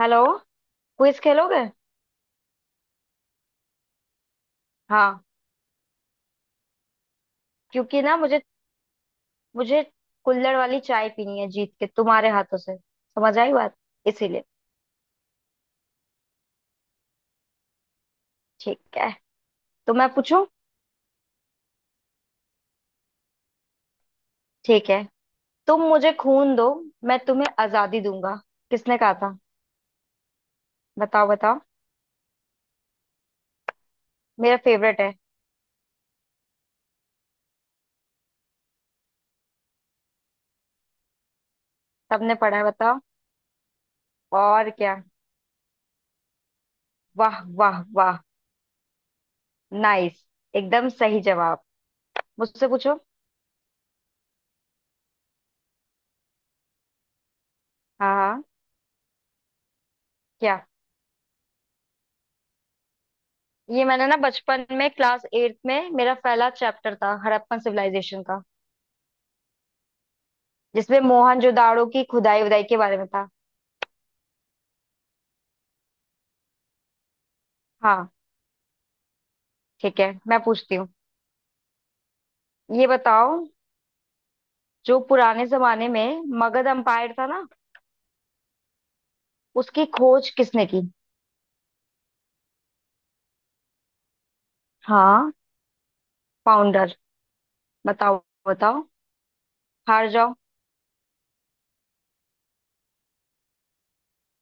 Hello. Quiz खेलोगे? हाँ। क्योंकि ना मुझे मुझे कुल्हड़ वाली चाय पीनी है जीत के तुम्हारे हाथों से। समझ आई बात? इसीलिए ठीक है। तो मैं पूछूं? ठीक है। तुम मुझे खून दो, मैं तुम्हें आजादी दूंगा। किसने कहा था? बताओ, बताओ। मेरा फेवरेट है। सबने पढ़ा है, बताओ। और क्या। वाह, वाह, वाह। नाइस। एकदम सही जवाब। मुझसे पूछो। हाँ, हाँ। क्या? ये मैंने ना बचपन में, क्लास एट्थ में मेरा पहला चैप्टर था हड़प्पन सिविलाइजेशन का। जिसमें मोहनजोदाड़ो की खुदाई वुदाई के बारे में था। हाँ, ठीक है, मैं पूछती हूँ। ये बताओ। जो पुराने जमाने में मगध एम्पायर था ना, उसकी खोज किसने की? हाँ, फाउंडर। बताओ, बताओ। हार जाओ।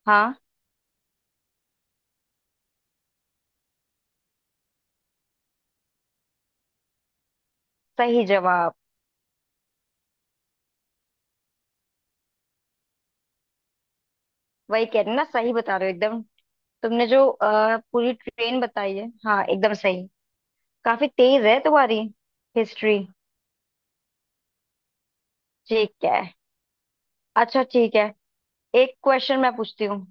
हाँ, सही जवाब। वही कह रही हूँ ना, सही बता रहे हो एकदम। तुमने जो पूरी ट्रेन बताई है, हाँ एकदम सही। काफी तेज है तुम्हारी हिस्ट्री। ठीक है। अच्छा, ठीक है। एक क्वेश्चन मैं पूछती हूँ।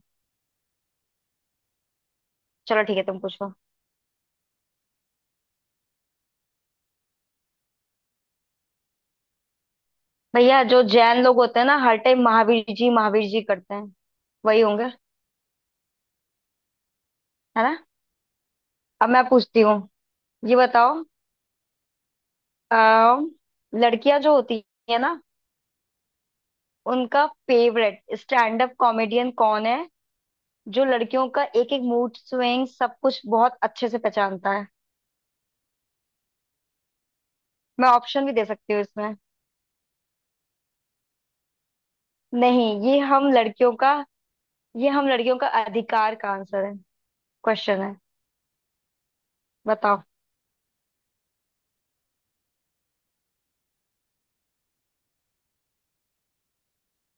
चलो, ठीक है, तुम पूछो। भैया, जो जैन लोग होते हैं ना, हर टाइम महावीर जी करते हैं, वही होंगे, है ना? अब मैं पूछती हूँ। ये बताओ। अः लड़कियां जो होती है ना, उनका फेवरेट स्टैंड अप कॉमेडियन कौन है? जो लड़कियों का एक एक मूड स्विंग सब कुछ बहुत अच्छे से पहचानता है। मैं ऑप्शन भी दे सकती हूँ इसमें। नहीं, ये हम लड़कियों का। ये हम लड़कियों का अधिकार का आंसर है, क्वेश्चन है। बताओ।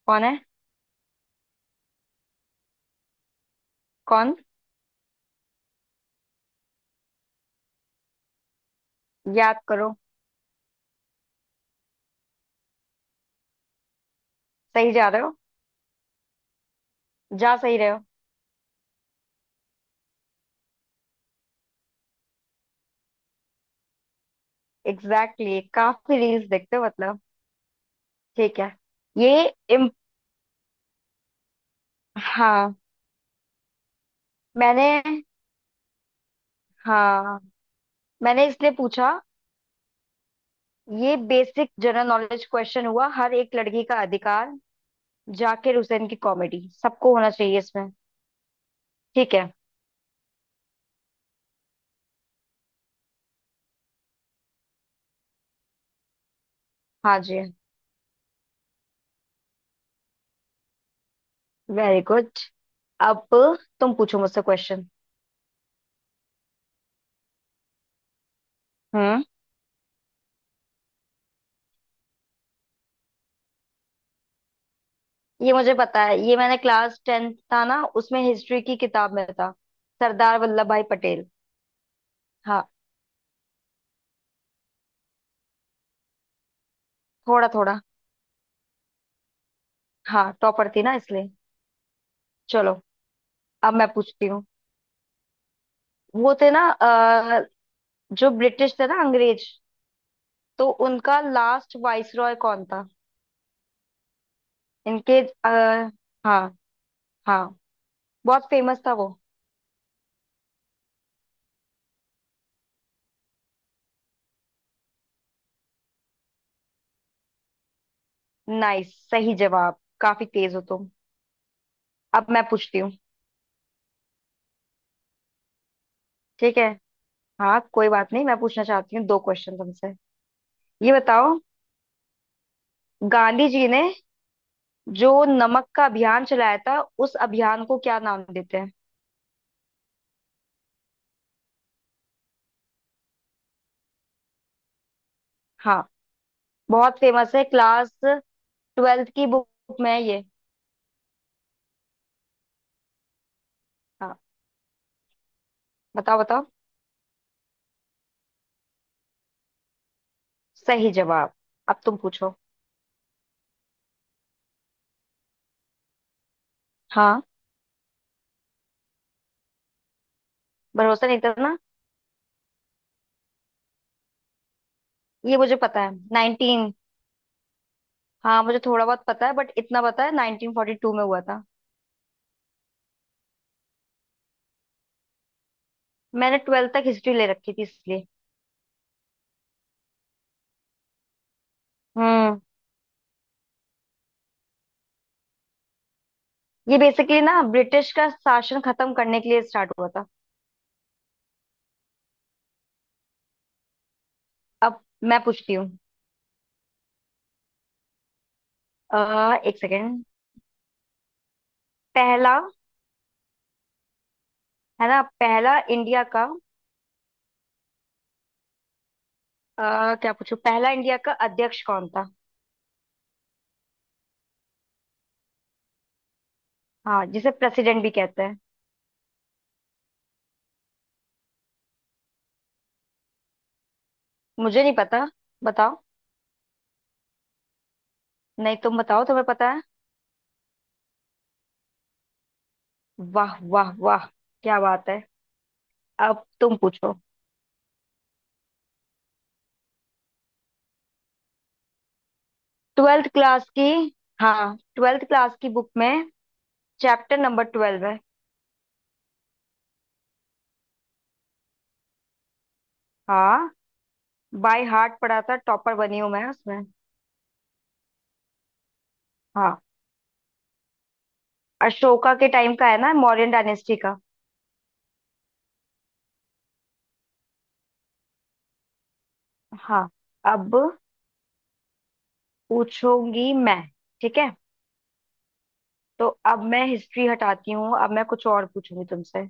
कौन है? कौन? याद करो। सही जा रहे हो। जा सही रहे हो। एग्जैक्टली exactly, काफी रील्स देखते हो मतलब। ठीक है। ये इम, हाँ मैंने हाँ मैंने इसलिए पूछा। ये बेसिक जनरल नॉलेज क्वेश्चन हुआ, हर एक लड़की का अधिकार। जाकिर हुसैन की कॉमेडी सबको होना चाहिए इसमें। ठीक है। हाँ जी। Very good. अब तुम पूछो मुझसे क्वेश्चन। हम्म। ये मुझे पता है, ये मैंने क्लास 10th था ना, उसमें हिस्ट्री की किताब में था। सरदार वल्लभ भाई पटेल। हाँ, थोड़ा थोड़ा। हाँ, टॉपर थी ना इसलिए। चलो। अब मैं पूछती हूँ। वो थे ना जो ब्रिटिश थे ना, अंग्रेज। तो उनका लास्ट वाइसरॉय कौन था? इनके आ, हाँ, हाँ। बहुत फेमस था वो। नाइस, सही जवाब, काफी तेज हो तुम। अब मैं पूछती हूँ। ठीक है। हाँ, कोई बात नहीं, मैं पूछना चाहती हूँ दो क्वेश्चन तुमसे। ये बताओ। गांधी जी ने जो नमक का अभियान चलाया था, उस अभियान को क्या नाम देते हैं? हाँ, बहुत फेमस है, क्लास 12th की बुक में है ये। हाँ, बताओ, बताओ। सही जवाब। अब तुम पूछो। हाँ, भरोसा नहीं था ना। ये मुझे पता है, नाइनटीन। हाँ, मुझे थोड़ा बहुत पता है, बट इतना पता है 1942 में हुआ था। मैंने 12th तक हिस्ट्री ले रखी थी इसलिए। हम्म ये बेसिकली ना, ब्रिटिश का शासन खत्म करने के लिए स्टार्ट हुआ था। अब मैं पूछती हूँ। एक सेकेंड। पहला, है ना? पहला इंडिया का। क्या पूछू, पहला इंडिया का अध्यक्ष कौन था? हाँ, जिसे प्रेसिडेंट भी कहते हैं। मुझे नहीं पता, बताओ। नहीं, तुम बताओ, तुम्हें पता। वाह, वाह, वाह। क्या बात है। अब तुम पूछो। 12th क्लास की। हाँ, ट्वेल्थ क्लास की बुक में। चैप्टर नंबर 12 है। हाँ, बाय हार्ट पढ़ा था, टॉपर बनी हूं मैं उसमें। हाँ, अशोका के टाइम का है ना, मौर्यन डायनेस्टी का। हाँ, अब पूछूंगी मैं। ठीक है। तो अब मैं हिस्ट्री हटाती हूँ, अब मैं कुछ और पूछूंगी तुमसे।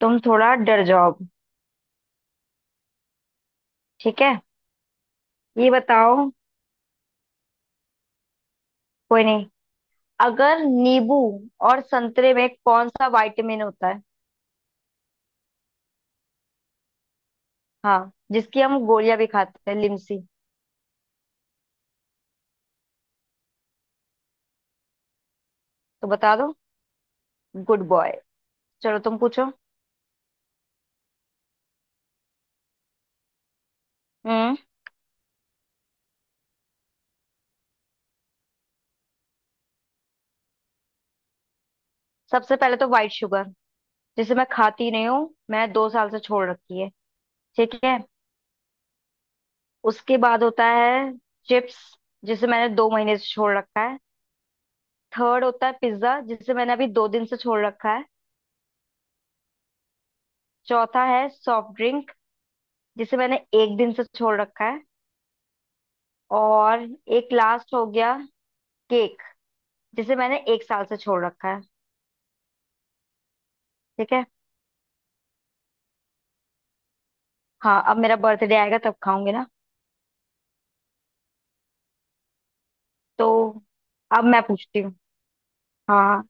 तुम थोड़ा डर जाओ अब। ठीक है। ये बताओ। कोई नहीं। अगर नींबू और संतरे में कौन सा विटामिन होता है? हाँ, जिसकी हम गोलियां भी खाते हैं, लिमसी। तो बता दो। Good boy. चलो, तुम पूछो। हम्म। सबसे पहले तो वाइट शुगर। जिसे मैं खाती नहीं हूँ, मैं 2 साल से छोड़ रखी है। ठीक है। उसके बाद होता है चिप्स। जिसे मैंने 2 महीने से छोड़ रखा है। थर्ड होता है पिज्जा, जिसे मैंने अभी 2 दिन से छोड़ रखा है। चौथा है सॉफ्ट ड्रिंक, जिसे मैंने एक दिन से छोड़ रखा है। और एक लास्ट हो गया, केक, जिसे मैंने एक साल से छोड़ रखा है। ठीक है। हाँ, अब मेरा बर्थडे आएगा तब खाऊंगी ना। तो अब मैं पूछती हूँ। हाँ,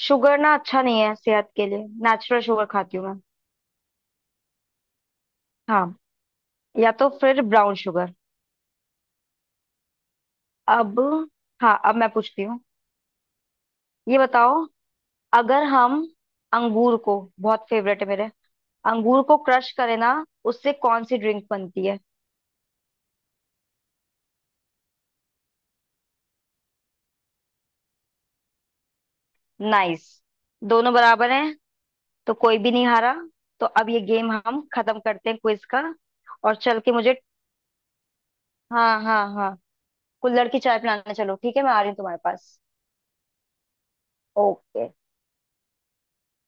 शुगर ना अच्छा नहीं है सेहत के लिए, नेचुरल शुगर खाती हूँ मैं। हाँ, या तो फिर ब्राउन शुगर। अब, हाँ, अब मैं पूछती हूँ। ये बताओ। अगर हम, अंगूर को बहुत फेवरेट है मेरे, अंगूर को क्रश करें ना, उससे कौन सी ड्रिंक बनती है? नाइस, दोनों बराबर हैं। तो कोई भी नहीं हारा। तो अब ये गेम हम खत्म करते हैं क्विज का। और चल के मुझे, हाँ, हाँ, हाँ, कुल्हड़ की चाय पिलाने चलो, ठीक है, मैं आ रही हूँ तुम्हारे पास। ओके।